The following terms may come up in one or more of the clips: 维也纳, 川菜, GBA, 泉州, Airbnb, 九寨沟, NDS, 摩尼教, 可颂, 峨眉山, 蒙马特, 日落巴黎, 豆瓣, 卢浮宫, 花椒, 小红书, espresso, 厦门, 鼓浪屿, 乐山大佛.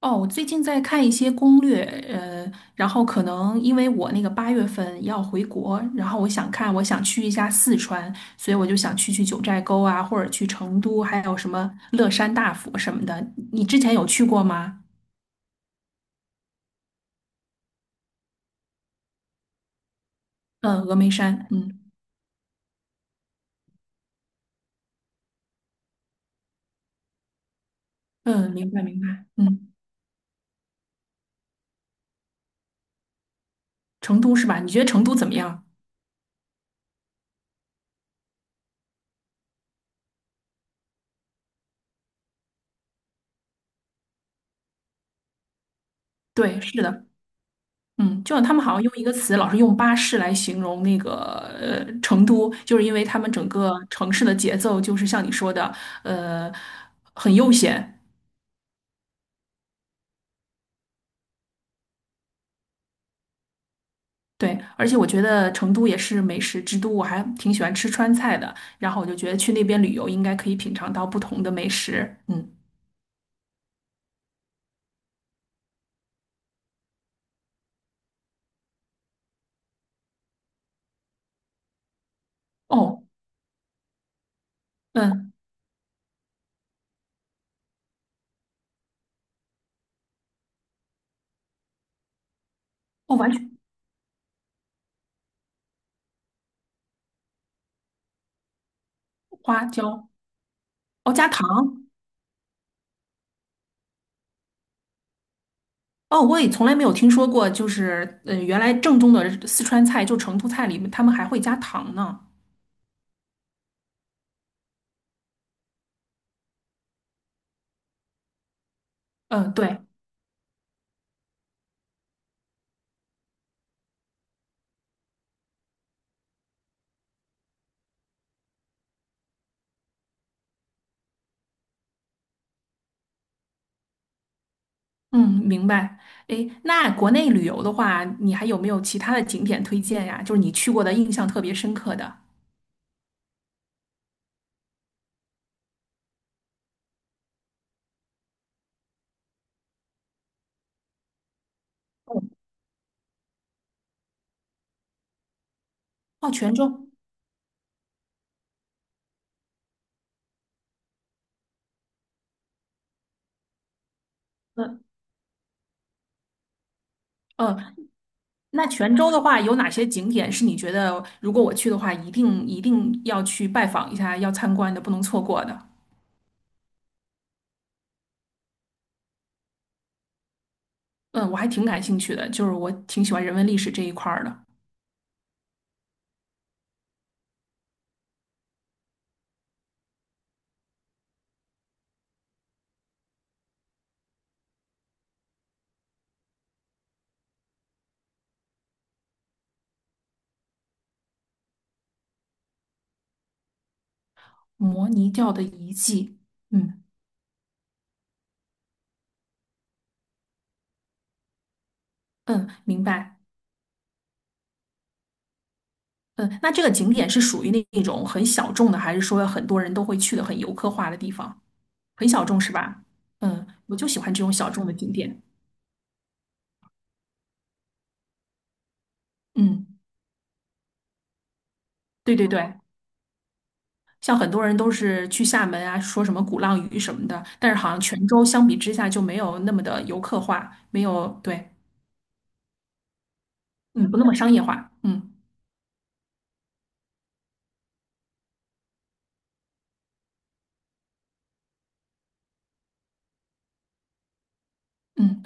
哦，我最近在看一些攻略，然后可能因为我那个八月份要回国，然后我想看，我想去一下四川，所以我就想去九寨沟啊，或者去成都，还有什么乐山大佛什么的。你之前有去过吗？嗯，峨眉山，嗯嗯，明白明白，嗯，成都是吧？你觉得成都怎么样？对，是的。嗯，就像他们好像用一个词，老是用巴士来形容那个成都，就是因为他们整个城市的节奏就是像你说的，呃，很悠闲。对，而且我觉得成都也是美食之都，我还挺喜欢吃川菜的。然后我就觉得去那边旅游应该可以品尝到不同的美食。嗯，哦，嗯，哦，完全花椒，哦，加糖，哦，我也从来没有听说过，就是原来正宗的四川菜，就成都菜里面，他们还会加糖呢。嗯，对。嗯，明白。诶，那国内旅游的话，你还有没有其他的景点推荐呀？就是你去过的印象特别深刻的。哦，哦，泉州。嗯嗯，那泉州的话，有哪些景点是你觉得如果我去的话，一定一定要去拜访一下，要参观的，不能错过的？嗯，我还挺感兴趣的，就是我挺喜欢人文历史这一块儿的。摩尼教的遗迹。嗯嗯，明白。嗯，那这个景点是属于那种很小众的，还是说很多人都会去的很游客化的地方？很小众是吧？嗯，我就喜欢这种小众的景点。嗯，对对对，像很多人都是去厦门啊，说什么鼓浪屿什么的，但是好像泉州相比之下就没有那么的游客化，没有，对，嗯，不那么商业化。嗯嗯，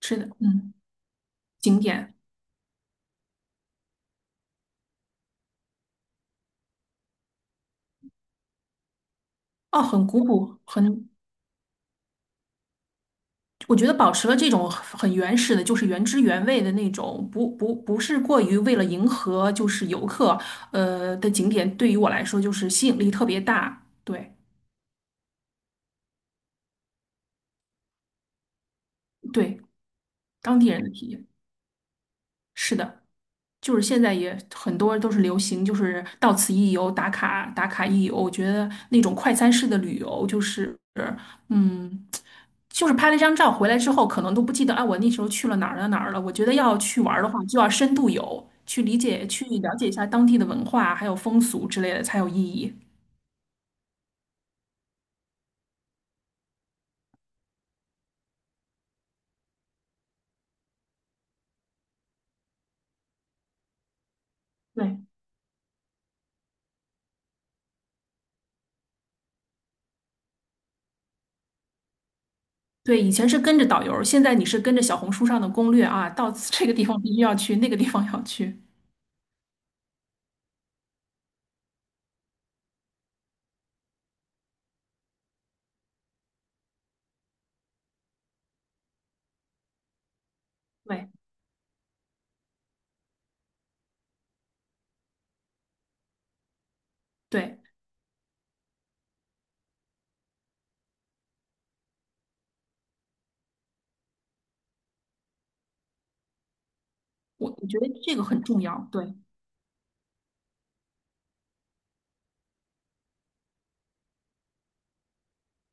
是的，嗯，景点哦，很古朴，很。我觉得保持了这种很原始的，就是原汁原味的那种，不是过于为了迎合就是游客，的景点，对于我来说就是吸引力特别大。对对，当地人的体验。是的，就是现在也很多都是流行，就是到此一游，打卡一游。我觉得那种快餐式的旅游，就是嗯，就是拍了一张照回来之后，可能都不记得啊，我那时候去了哪儿了。我觉得要去玩儿的话，就要深度游，去理解、去了解一下当地的文化还有风俗之类的，才有意义。对对，以前是跟着导游，现在你是跟着小红书上的攻略啊，到此这个地方必须要去，那个地方要去。对对。我觉得这个很重要，对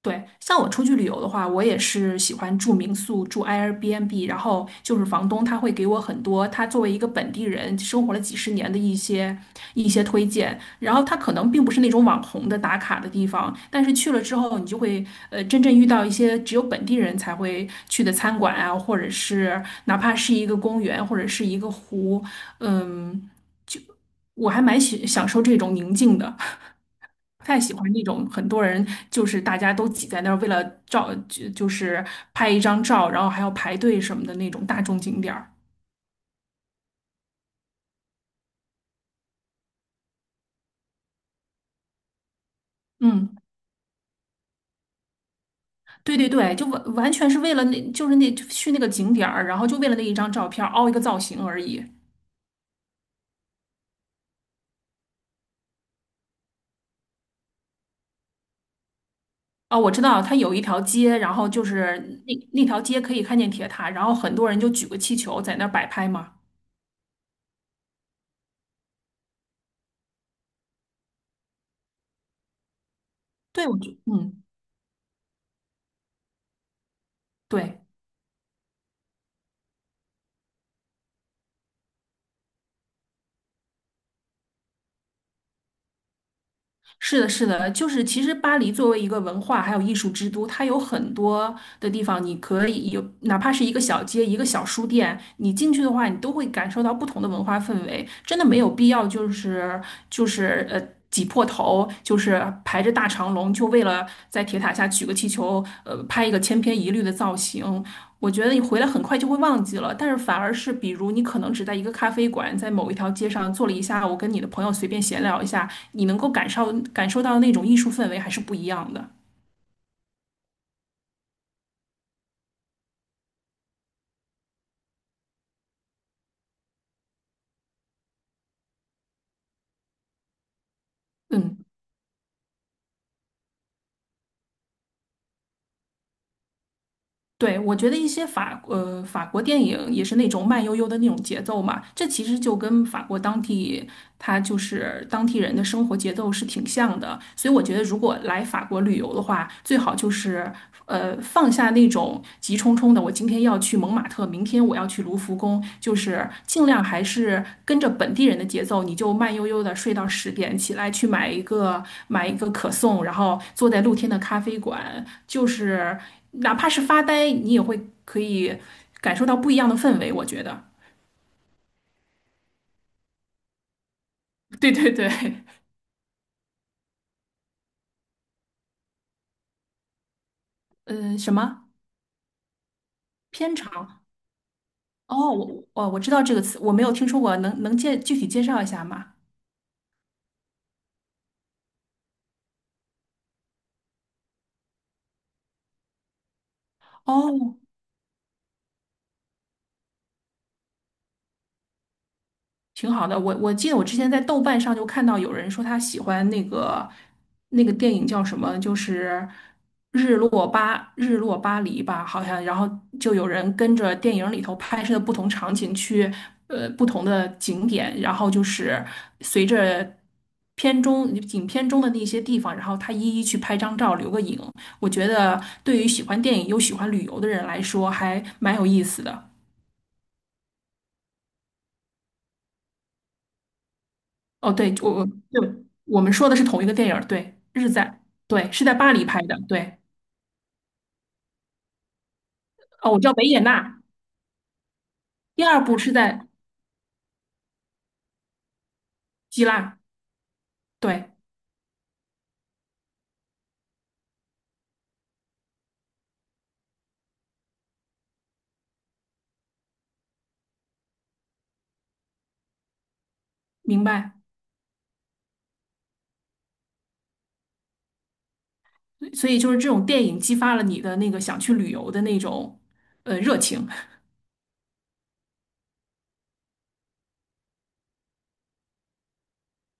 对。像我出去旅游的话，我也是喜欢住民宿、住 Airbnb，然后就是房东他会给我很多他作为一个本地人生活了几十年的一些推荐，然后他可能并不是那种网红的打卡的地方，但是去了之后，你就会真正遇到一些只有本地人才会去的餐馆啊，或者是哪怕是一个公园或者是一个湖，嗯，就我还蛮喜享受这种宁静的。不太喜欢那种很多人就是大家都挤在那儿，为了照就是拍一张照，然后还要排队什么的那种大众景点儿。嗯，对对对，就完完全是为了那，就是那就去那个景点儿，然后就为了那一张照片儿凹一个造型而已。哦，我知道，它有一条街，然后就是那条街可以看见铁塔，然后很多人就举个气球在那儿摆拍嘛。对，我觉，嗯，对。是的，是的，就是其实巴黎作为一个文化还有艺术之都，它有很多的地方，你可以有哪怕是一个小街、一个小书店，你进去的话，你都会感受到不同的文化氛围。真的没有必要，就是就是呃挤破头，就是排着大。大长龙，就为了在铁塔下举个气球，拍一个千篇一律的造型。我觉得你回来很快就会忘记了，但是反而是，比如你可能只在一个咖啡馆，在某一条街上坐了一下午，跟你的朋友随便闲聊一下，你能够感受到那种艺术氛围还是不一样的。嗯，对，我觉得一些法国电影也是那种慢悠悠的那种节奏嘛，这其实就跟法国当地它就是当地人的生活节奏是挺像的，所以我觉得如果来法国旅游的话，最好就是放下那种急冲冲的，我今天要去蒙马特，明天我要去卢浮宫，就是尽量还是跟着本地人的节奏，你就慢悠悠的睡到十点，起来去买一个可颂，然后坐在露天的咖啡馆，就是哪怕是发呆，你也会可以感受到不一样的氛围，我觉得。对对对，嗯、什么偏长？哦，我知道这个词，我没有听说过，能能介具体介绍一下吗？哦，挺好的。我记得我之前在豆瓣上就看到有人说他喜欢那个电影叫什么，就是日落巴黎吧，好像。然后就有人跟着电影里头拍摄的不同场景去不同的景点，然后就是随着。片中影片中的那些地方，然后他一一去拍张照，留个影。我觉得对于喜欢电影又喜欢旅游的人来说，还蛮有意思的。哦，对，我们说的是同一个电影儿对，日在，对，是在巴黎拍的，对，哦，我知道维也纳，第二部是在希腊，对，明白。所以就是这种电影激发了你的那个想去旅游的那种热情，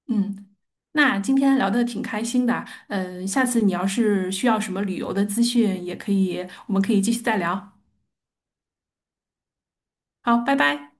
嗯。那今天聊的挺开心的，嗯，下次你要是需要什么旅游的资讯，也可以，我们可以继续再聊。好，拜拜。